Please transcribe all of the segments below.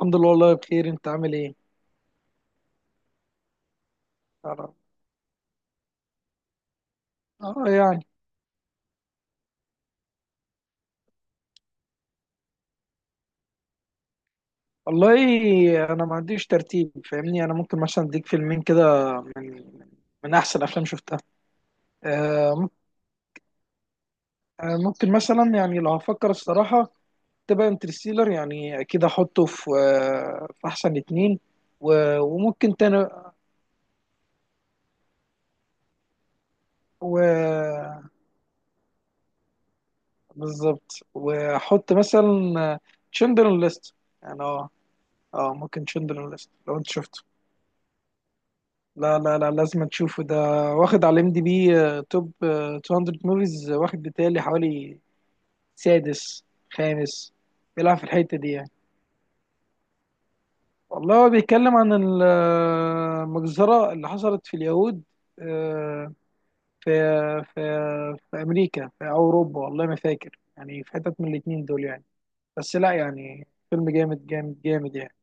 الحمد لله، والله بخير. انت عامل ايه؟ انا اه يعني، والله انا ما عنديش ترتيب، فاهمني. انا ممكن مثلا اديك فيلمين كده من من احسن افلام شفتها. آه مم- ممكن مثلا يعني لو هفكر الصراحه تبقى انترستيلر، يعني اكيد احطه في احسن اتنين. و- وممكن تاني. و بالظبط، واحط مثلا تشندر ليست، يعني اه ممكن تشندر ليست لو انت شفته. لا لا لا، لازم تشوفه ده، واخد على ام دي بي توب 200 موفيز، واخد بتالي حوالي سادس، خامس، بيلعب في الحتة دي يعني. والله هو بيتكلم عن المجزرة اللي حصلت في اليهود. آه، في في في أمريكا، في أوروبا، والله ما فاكر، يعني في حتت من الاتنين دول يعني. بس لا، يعني فيلم جامد جامد جامد يعني.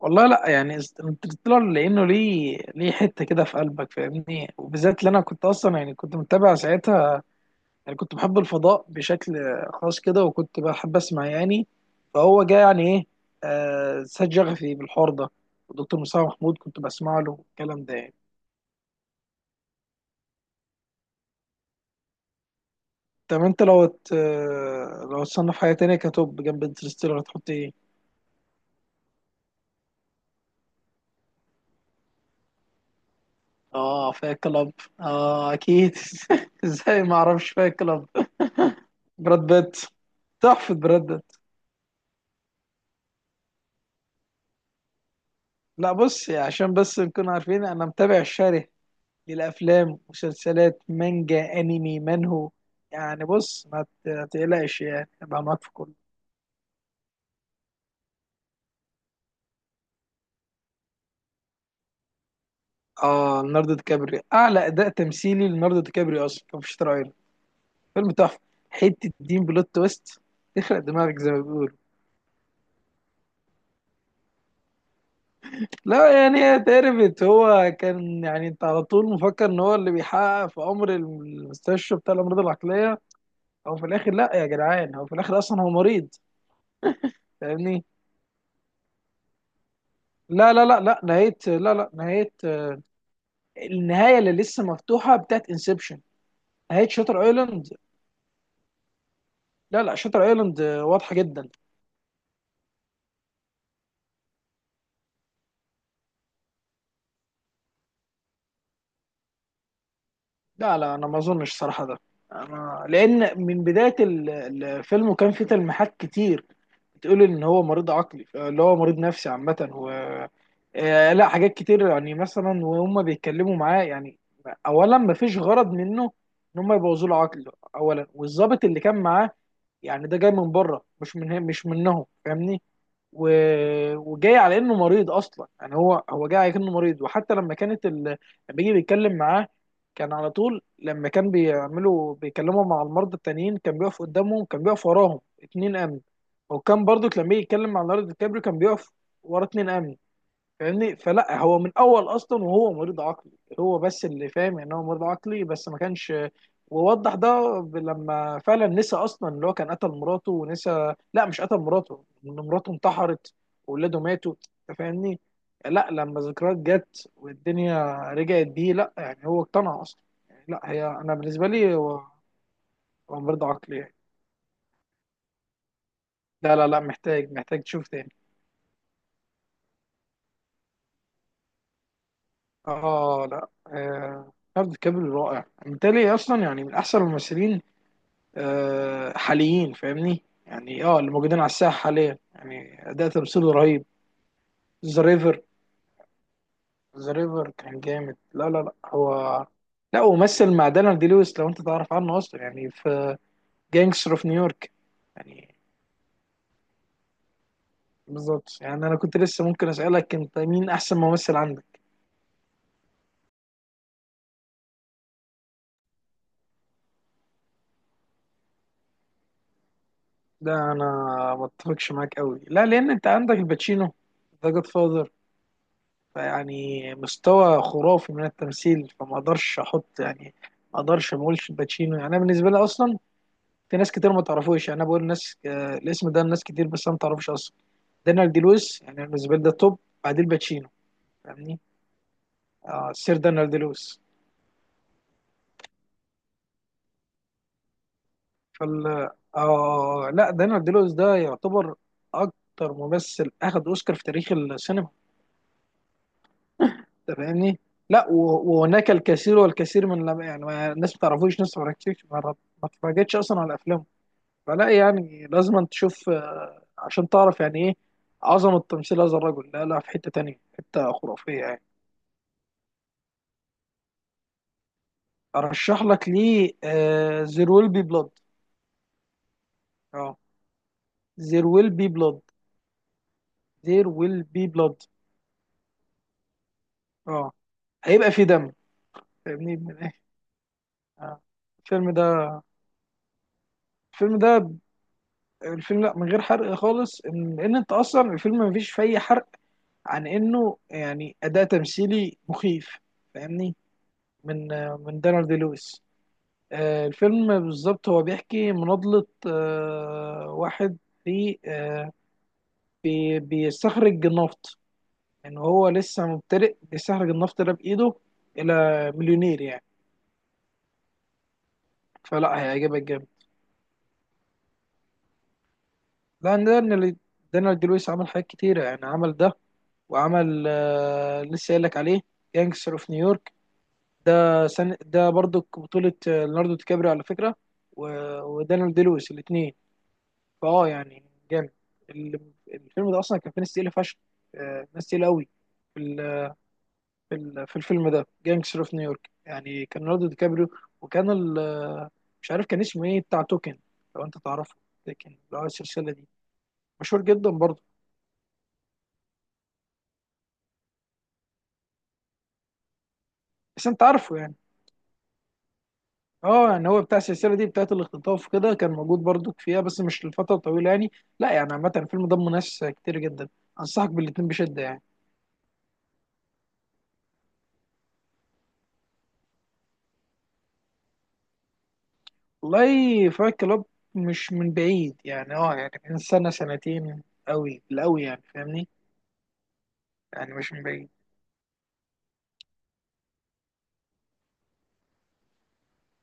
والله لا، يعني انترستيلر لانه ليه حته كده في قلبك، فاهمني، وبالذات اللي انا كنت اصلا، يعني كنت متابع ساعتها. يعني كنت بحب الفضاء بشكل خاص كده، وكنت بحب اسمع يعني. فهو جه يعني ايه، آه سد شغفي بالحوار ده. ودكتور مصطفى محمود كنت بسمع له الكلام ده يعني. طب انت لو لو تصنف حاجه تانية كتوب جنب انترستيلر هتحط ايه؟ اه فايت كلاب، اه اكيد. ازاي ما اعرفش فايت كلاب؟ براد بيت، تحفه براد بيت. لا بص، عشان بس نكون عارفين، انا متابع الشره للافلام، مسلسلات، مانجا، انمي، منهو يعني. بص ما تقلقش يعني، ابقى معاك في كله. اه ليوناردو دي كابريو، اعلى اداء تمثيلي ليوناردو دي كابريو اصلا كان في شاتر ايلاند. فيلم تحفه، حته دين بلوت تويست، تخرق دماغك زي ما بيقولوا. لا يعني هي اتعرفت، هو كان يعني انت على طول مفكر ان هو اللي بيحقق في امر المستشفى بتاع الامراض العقليه، او في الاخر لا يا جدعان، هو في الاخر اصلا هو مريض، فاهمني. لا لا لا، لا نهاية، لا، لا نهاية. النهاية اللي لسه مفتوحة بتاعت انسبشن، نهاية شاتر ايلاند. لا لا، شاتر ايلاند واضحة جدا. لا لا، انا ما اظنش صراحة ده. أنا، لان من بداية الفيلم وكان في تلميحات كتير بتقول ان هو مريض عقلي، اللي هو مريض نفسي عامة. و لا حاجات كتير، يعني مثلا وهم بيتكلموا معاه يعني. اولا ما فيش غرض منه ان هم يبوظوا له عقله اولا، والظابط اللي كان معاه يعني، ده جاي من بره، مش من مش منهم، فاهمني. و... وجاي على انه مريض اصلا، يعني هو جاي على انه مريض. وحتى لما كانت ال... لما بيجي بيتكلم معاه، كان على طول لما كان بيكلموا مع المرضى التانيين، كان بيقف قدامهم، كان بيقف وراهم اتنين امن. وكان برضو لما يجي يتكلم مع ليوناردو دي كابريو، كان بيقف ورا اتنين امن، فاهمني. فلا، هو من اول اصلا وهو مريض عقلي، هو بس اللي فاهم ان هو مريض عقلي بس، ما كانش. ووضح ده لما فعلا نسى اصلا اللي هو كان قتل مراته، ونسى، لا مش قتل مراته، ان مراته انتحرت واولاده ماتوا. أنت فاهمني. لا، لما ذكريات جت والدنيا رجعت بيه، لا يعني هو اقتنع اصلا. لا هي انا بالنسبه لي، هو هو مريض عقلي يعني. لا لا لا، محتاج تشوف تاني. اه لا، ليوناردو دي كابريو رائع بالتالي اصلا، يعني من احسن الممثلين حاليين، فاهمني، يعني اه اللي موجودين على الساحه حاليا، يعني اداء تمثيله رهيب. ذا ريفر، ذا ريفر كان جامد. لا لا لا هو، لا، ومثل مع دانيال دي لويس. لو انت تعرف عنه اصلا، يعني في جانجستر اوف نيويورك يعني. بالظبط، يعني انا كنت لسه ممكن اسالك انت مين احسن ممثل عندك. ده انا ما اتفقش معاك قوي، لا، لان انت عندك الباتشينو، ذا جاد فاذر. فيعني مستوى خرافي من التمثيل، فما اقدرش احط يعني. ما اقدرش، ما اقولش الباتشينو، يعني انا بالنسبه لي اصلا، في ناس كتير ما تعرفوش يعني، انا بقول ناس، الاسم ده لناس كتير، بس انا ما تعرفوش اصلا. دانيال دي لويس يعني بالنسبه لي ده توب، بعديه الباتشينو، فاهمني. آه سير دانيال دي لويس. فال لا، دانيال دي لويس ده يعتبر اكتر ممثل اخذ اوسكار في تاريخ السينما. انت فاهمني. لا و- وهناك الكثير والكثير من لم... يعني الناس ما تعرفوش، ناس ما ركزتش، ما اتفرجتش اصلا على افلامه. فلا يعني لازم أن تشوف عشان تعرف يعني ايه عظمة تمثيل هذا الرجل. لا لا، في حتة تانية، حتة خرافية يعني. ارشح لك ليه زير ويل بي بلاد. اه زير ويل بي بلاد، زير ويل بي بلاد. اه هيبقى في دم، فاهمني من ايه. آه. الفيلم ده، الفيلم ده، الفيلم، لا من غير حرق خالص، ان لان انت اصلا الفيلم ما فيش فيه أي حرق. عن انه يعني اداء تمثيلي مخيف، فاهمني، من من دانيال دي لويس. الفيلم بالظبط هو بيحكي مناضلة واحد في بيستخرج النفط، يعني هو لسه مبتدئ بيستخرج النفط ده بإيده إلى مليونير يعني. فلا هيعجبك جامد، لأن ده إن دانيال دي لويس عمل حاجات كتيرة، يعني عمل ده، وعمل لسه قايل لك عليه، جانجستر اوف نيويورك. ده سن ده برضو بطولة ليوناردو دي كابريو على فكرة، و- ودانيال دي لويس الاتنين. فاه يعني جامد. ال- الفيلم ده اصلا كان فيه ناس تقيله فشخ، ناس تقيله قوي. في ال- في الفيلم ده جانجستر اوف نيويورك، يعني كان ليوناردو دي كابريو، وكان مش عارف كان اسمه ايه بتاع توكن، لو انت تعرفه، لكن لو السلسله دي، مشهور جدا برضه. بس انت عارفه يعني. اه يعني هو بتاع السلسله دي بتاعت الاختطاف كده، كان موجود برضه فيها بس مش لفتره طويله يعني. لا يعني عامه الفيلم ضم ناس كتير جدا، انصحك بالاتنين بشده يعني. والله فايت كلاب مش من بعيد يعني، اه يعني من سنة سنتين، قوي بالقوي يعني، فاهمني. يعني مش من بعيد.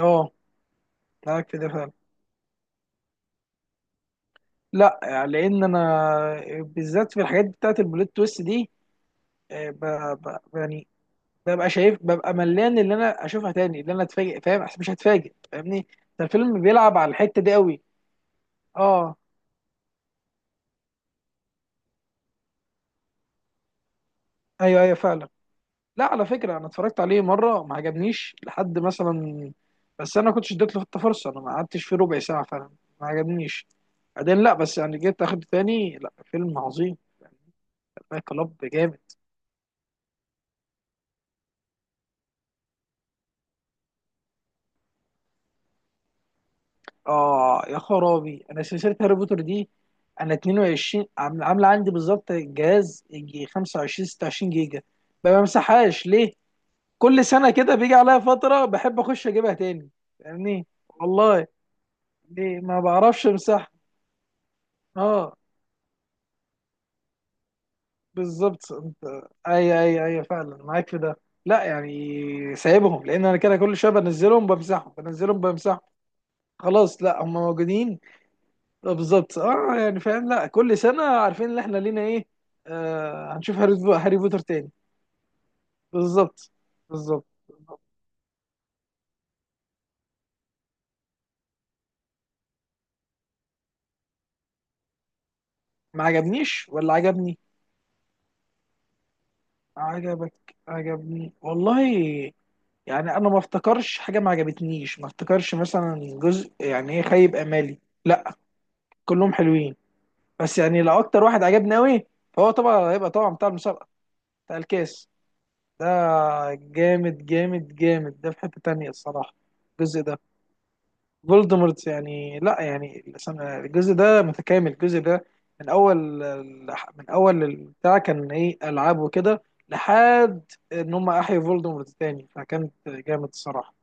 اه معاك في ده فعلا. لا يعني لان انا بالذات في الحاجات بتاعت البلوت تويست دي، آه، ب... يعني ببقى شايف، ببقى ملان اللي انا اشوفها تاني، اللي انا اتفاجئ، فاهم أصل مش هتفاجئ فاهمني. ده الفيلم بيلعب على الحتة دي قوي. اه ايوه ايوه فعلا. لا على فكرة أنا اتفرجت عليه مرة ما عجبنيش، لحد مثلا بس أنا ما كنتش اديت له حتى فرصة، أنا ما قعدتش فيه ربع ساعة فعلا، ما عجبنيش. بعدين لا، بس يعني جيت أخد تاني، لا فيلم عظيم. فايت كلاب جامد. آه يا خرابي، أنا سلسلة هاري بوتر دي، أنا 22 عاملة عندي بالظبط جهاز يجي 25 26 جيجا. ما بمسحهاش ليه؟ كل سنة كده بيجي عليا فترة بحب أخش أجيبها تاني، فاهمني؟ والله ليه ما بعرفش أمسحها. آه بالظبط انت. اي اي اي فعلا معاك في ده. لا يعني سايبهم، لان انا كده كل شويه بنزلهم بمسحهم بنزلهم بمسحهم، خلاص لا هم موجودين. بالظبط اه يعني فاهم، لا كل سنه عارفين ان احنا لينا ايه. آه هنشوف هاري بوتر تاني. بالظبط، بالظبط. ما عجبنيش ولا عجبني. عجبك عجبني والله. يعني انا ما افتكرش حاجه ما عجبتنيش، ما افتكرش مثلا جزء يعني ايه خيب امالي لا. كلهم حلوين. بس يعني لو اكتر واحد عجبني قوي، فهو طبعا هيبقى طبعا بتاع المسابقه، بتاع الكاس ده. جامد جامد جامد، ده في حته تانية الصراحه. الجزء ده فولدمورت يعني، لا يعني الجزء ده متكامل. الجزء ده من اول، من اول البتاع كان ايه العاب وكده، لحد ان هم احيوا فولدمورت تاني، فكانت جامد الصراحه.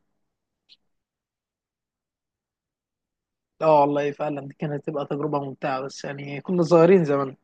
اه والله فعلا، دي كانت تبقى تجربه ممتعه، بس يعني كنا صغيرين زمان